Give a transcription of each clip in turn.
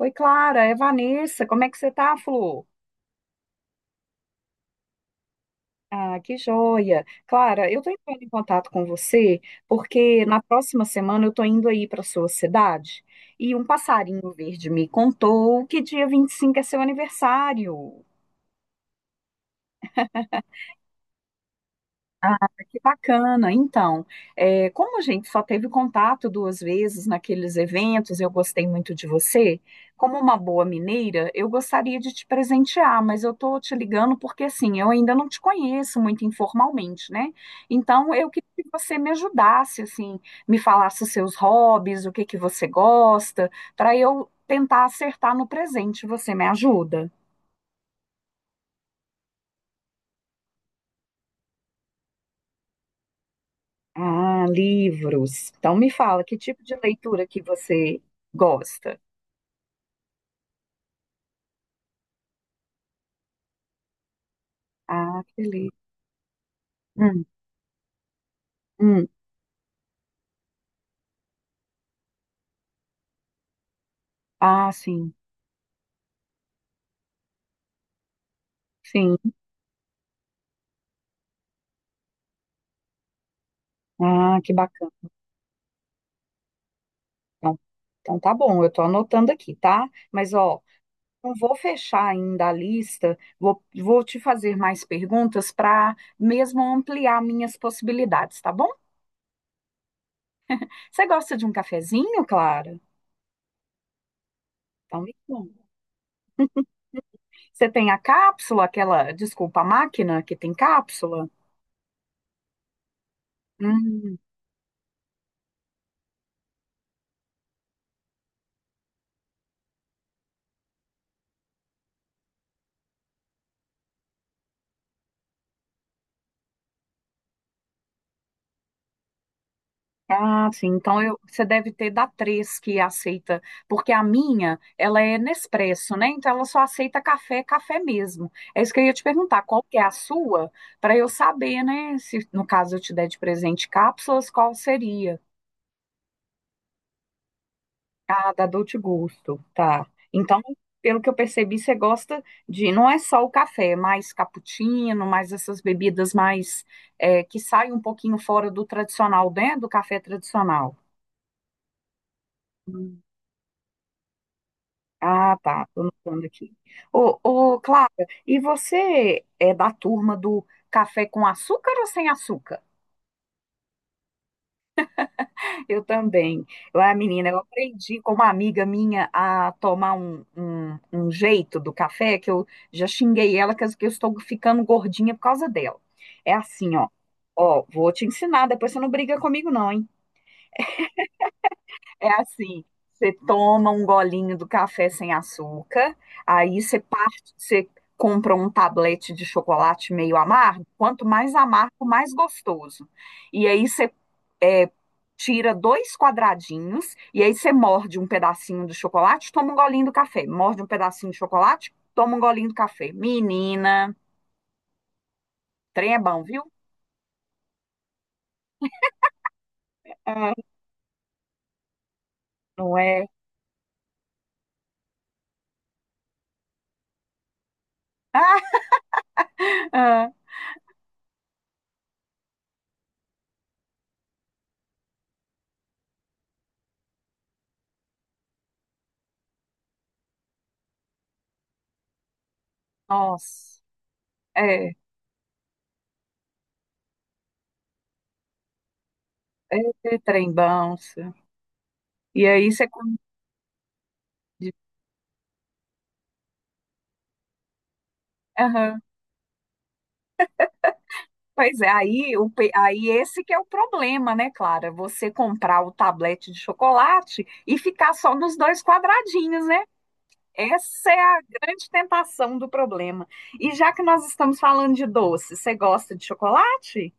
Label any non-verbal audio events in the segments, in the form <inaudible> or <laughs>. Oi, Clara, é Vanessa. Como é que você tá, Flor? Ah, que joia. Clara, eu tô entrando em contato com você porque na próxima semana eu tô indo aí para sua cidade e um passarinho verde me contou que dia 25 é seu aniversário. Ah, que bacana. Então, como a gente só teve contato duas vezes naqueles eventos, eu gostei muito de você. Como uma boa mineira, eu gostaria de te presentear, mas eu tô te ligando porque assim, eu ainda não te conheço muito informalmente, né? Então, eu queria que você me ajudasse, assim, me falasse os seus hobbies, o que que você gosta, para eu tentar acertar no presente. Você me ajuda? Ah, livros. Então me fala, que tipo de leitura que você gosta? Ah, que beleza. Hum, hum. Ah, sim, sim. Ah, que bacana. Então, então tá bom, eu tô anotando aqui, tá? Mas ó, não vou fechar ainda a lista, vou te fazer mais perguntas para mesmo ampliar minhas possibilidades, tá bom? Você gosta de um cafezinho, Clara? Então me conta. Você tem a cápsula, aquela, desculpa, a máquina que tem cápsula? Hum. Ah, sim. Então eu, você deve ter da três que aceita, porque a minha, ela é Nespresso, né? Então ela só aceita café, café mesmo. É isso que eu ia te perguntar, qual que é a sua, para eu saber, né? Se no caso eu te der de presente cápsulas, qual seria? Ah, da Dolce Gusto, tá. Então, pelo que eu percebi, você gosta de, não é só o café, é mais cappuccino, mais essas bebidas mais, que saem um pouquinho fora do tradicional, né? Do café tradicional. Ah, tá, tô anotando aqui. Ô, Clara, e você é da turma do café com açúcar ou sem açúcar? Eu também. Eu, a menina, eu aprendi com uma amiga minha a tomar um jeito do café, que eu já xinguei ela, que eu estou ficando gordinha por causa dela. É assim, ó. Ó, vou te ensinar, depois você não briga comigo, não, hein? É assim, você toma um golinho do café sem açúcar, aí você parte, você compra um tablete de chocolate meio amargo, quanto mais amargo, mais gostoso. E aí você é, tira dois quadradinhos, e aí você morde um pedacinho do chocolate, toma um golinho do café. Morde um pedacinho de chocolate, toma um golinho do café. Menina, trem é bom, viu? É, não é? <laughs> Ah, ah, nossa, é, é, é trem bom. Isso. E aí você come. Aham. Pois é, aí, o, pe- aí esse que é o problema, né, Clara? Você comprar o tablete de chocolate e ficar só nos dois quadradinhos, né? Essa é a grande tentação do problema. E já que nós estamos falando de doce, você gosta de chocolate?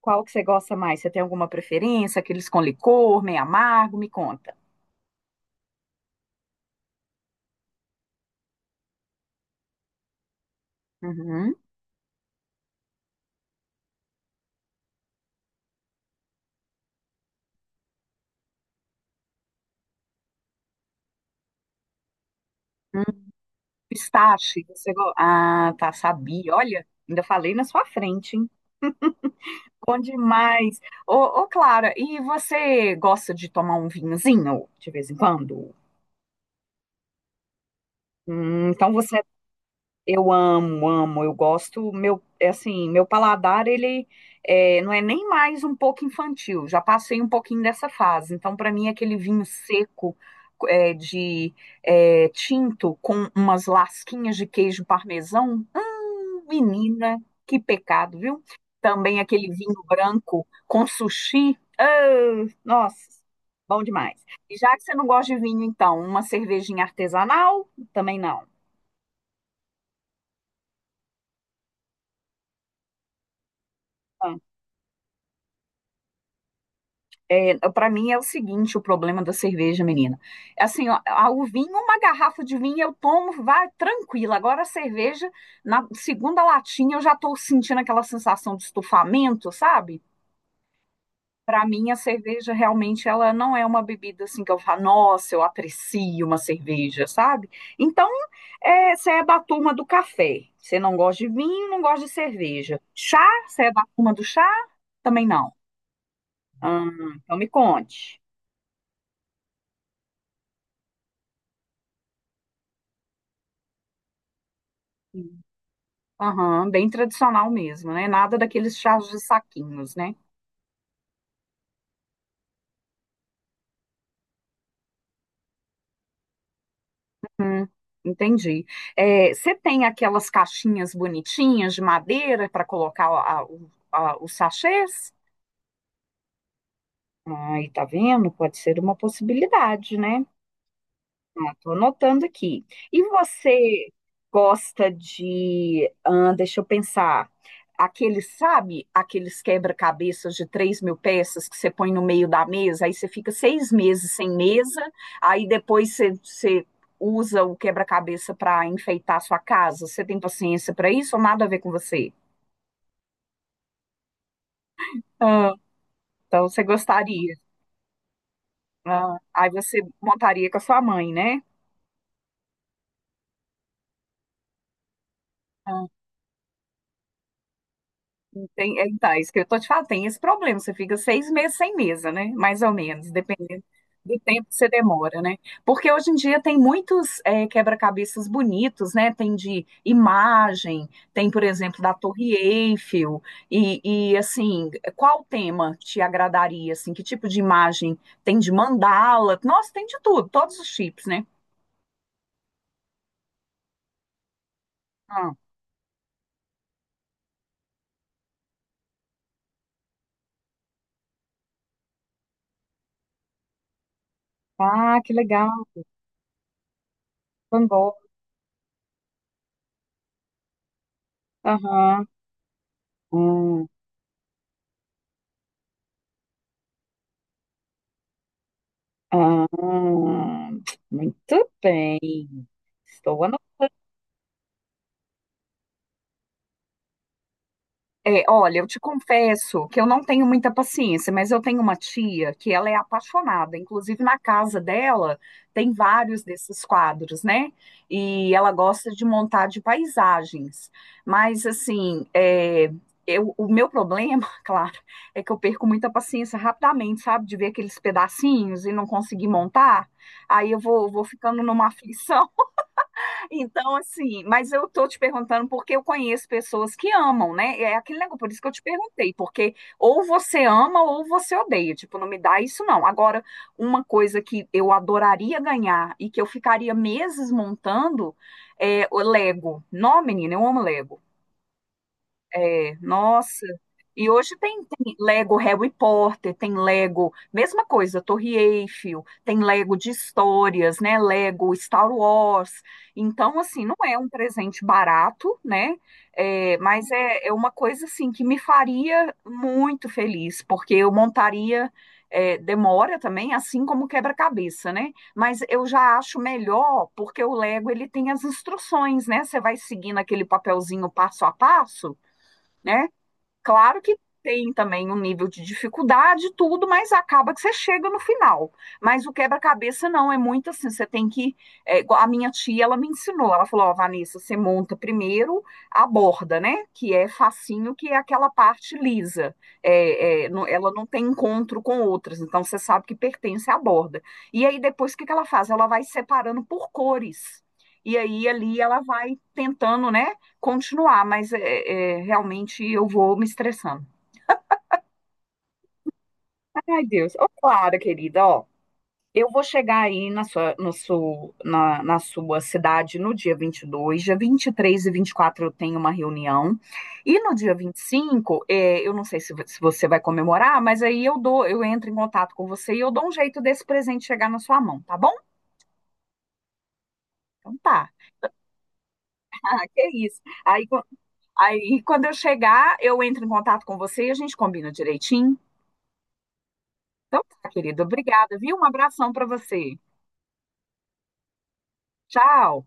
Qual que você gosta mais? Você tem alguma preferência? Aqueles com licor, meio amargo? Me conta. Uhum. Hum, pistache, você gosta? Ah, tá, sabia. Olha, ainda falei na sua frente, hein? Bom demais. Ô, ô, Clara, e você gosta de tomar um vinhozinho de vez em quando? Então você, eu amo, amo, eu gosto. Meu, é assim, meu paladar ele não é nem mais um pouco infantil. Já passei um pouquinho dessa fase. Então para mim aquele vinho seco é, de tinto com umas lasquinhas de queijo parmesão. Menina, que pecado, viu? Também aquele vinho branco com sushi. Ah, nossa, bom demais. E já que você não gosta de vinho, então, uma cervejinha artesanal? Também não. Para mim é o seguinte, o problema da cerveja, menina. É assim, ó, a- o vinho, uma garrafa de vinho eu tomo, vai tranquila. Agora a cerveja, na segunda latinha eu já tô sentindo aquela sensação de estufamento, sabe? Para mim, a cerveja realmente ela não é uma bebida assim que eu falo, nossa, eu aprecio uma cerveja, sabe? Então, você é da turma do café. Você não gosta de vinho, não gosta de cerveja. Chá, você é da turma do chá? Também não. Então me conte. Sim. Aham, bem tradicional mesmo, né? Nada daqueles chás de saquinhos, né? Hum, entendi. É, você tem aquelas caixinhas bonitinhas de madeira para colocar a- o- a- os sachês? Ai, tá vendo? Pode ser uma possibilidade, né? Ah, tô anotando aqui. E você gosta de, ah, deixa eu pensar, aqueles, sabe, aqueles quebra-cabeças de 3.000 peças que você põe no meio da mesa, aí você fica seis meses sem mesa, aí depois você usa o quebra-cabeça para enfeitar a sua casa. Você tem paciência para isso ou nada a ver com você? Ah, então você gostaria. Ah, aí você montaria com a sua mãe, né? Tem, é, tá, isso que eu tô te falando, tem esse problema, você fica seis meses sem mesa, né? Mais ou menos, dependendo do tempo que você demora, né? Porque hoje em dia tem muitos quebra-cabeças bonitos, né? Tem de imagem, tem, por exemplo, da Torre Eiffel, e assim, qual tema te agradaria, assim? Que tipo de imagem? Tem de mandala? Nossa, tem de tudo, todos os tipos, né? Ah, ah, que legal, Van Gogh. Aham. Hum, ah, muito. Estou anotando. É, olha, eu te confesso que eu não tenho muita paciência, mas eu tenho uma tia que ela é apaixonada. Inclusive, na casa dela tem vários desses quadros, né? E ela gosta de montar de paisagens. Mas, assim, eu, o meu problema, <laughs> claro, é que eu perco muita paciência rapidamente, sabe? De ver aqueles pedacinhos e não conseguir montar. Aí eu vou ficando numa aflição. Então, assim, mas eu tô te perguntando porque eu conheço pessoas que amam, né? É aquele negócio, por isso que eu te perguntei, porque ou você ama ou você odeia, tipo, não me dá isso não. Agora, uma coisa que eu adoraria ganhar e que eu ficaria meses montando é o Lego. Não, menina, eu amo Lego. É, nossa. E hoje tem Lego Harry Potter, tem Lego, mesma coisa, Torre Eiffel, tem Lego de histórias, né? Lego Star Wars. Então, assim, não é um presente barato, né? É uma coisa, assim, que me faria muito feliz, porque eu montaria. É, demora também, assim como quebra-cabeça, né? Mas eu já acho melhor, porque o Lego ele tem as instruções, né? Você vai seguindo aquele papelzinho passo a passo, né? Claro que tem também um nível de dificuldade, e tudo, mas acaba que você chega no final. Mas o quebra-cabeça não, é muito assim, você tem que. É, igual a minha tia, ela me ensinou, ela falou: Ó, Vanessa, você monta primeiro a borda, né? Que é facinho, que é aquela parte lisa. Não- ela não tem encontro com outras, então você sabe que pertence à borda. E aí depois o que que ela faz? Ela vai separando por cores. E aí ali ela vai tentando, né? Continuar, mas realmente eu vou me estressando. Ai, Deus. Ô, Clara, querida, ó, eu vou chegar aí na sua, no seu- na, na sua cidade no dia 22, dia 23 e 24 eu tenho uma reunião, e no dia 25, é, eu não sei se, vo- se você vai comemorar, mas aí eu dou, eu entro em contato com você e eu dou um jeito desse presente chegar na sua mão, tá bom? Então tá. Ah, que isso. Aí, quan- aí quando eu chegar, eu entro em contato com você e a gente combina direitinho. Então tá, querido. Obrigada, viu? Um abração para você. Tchau.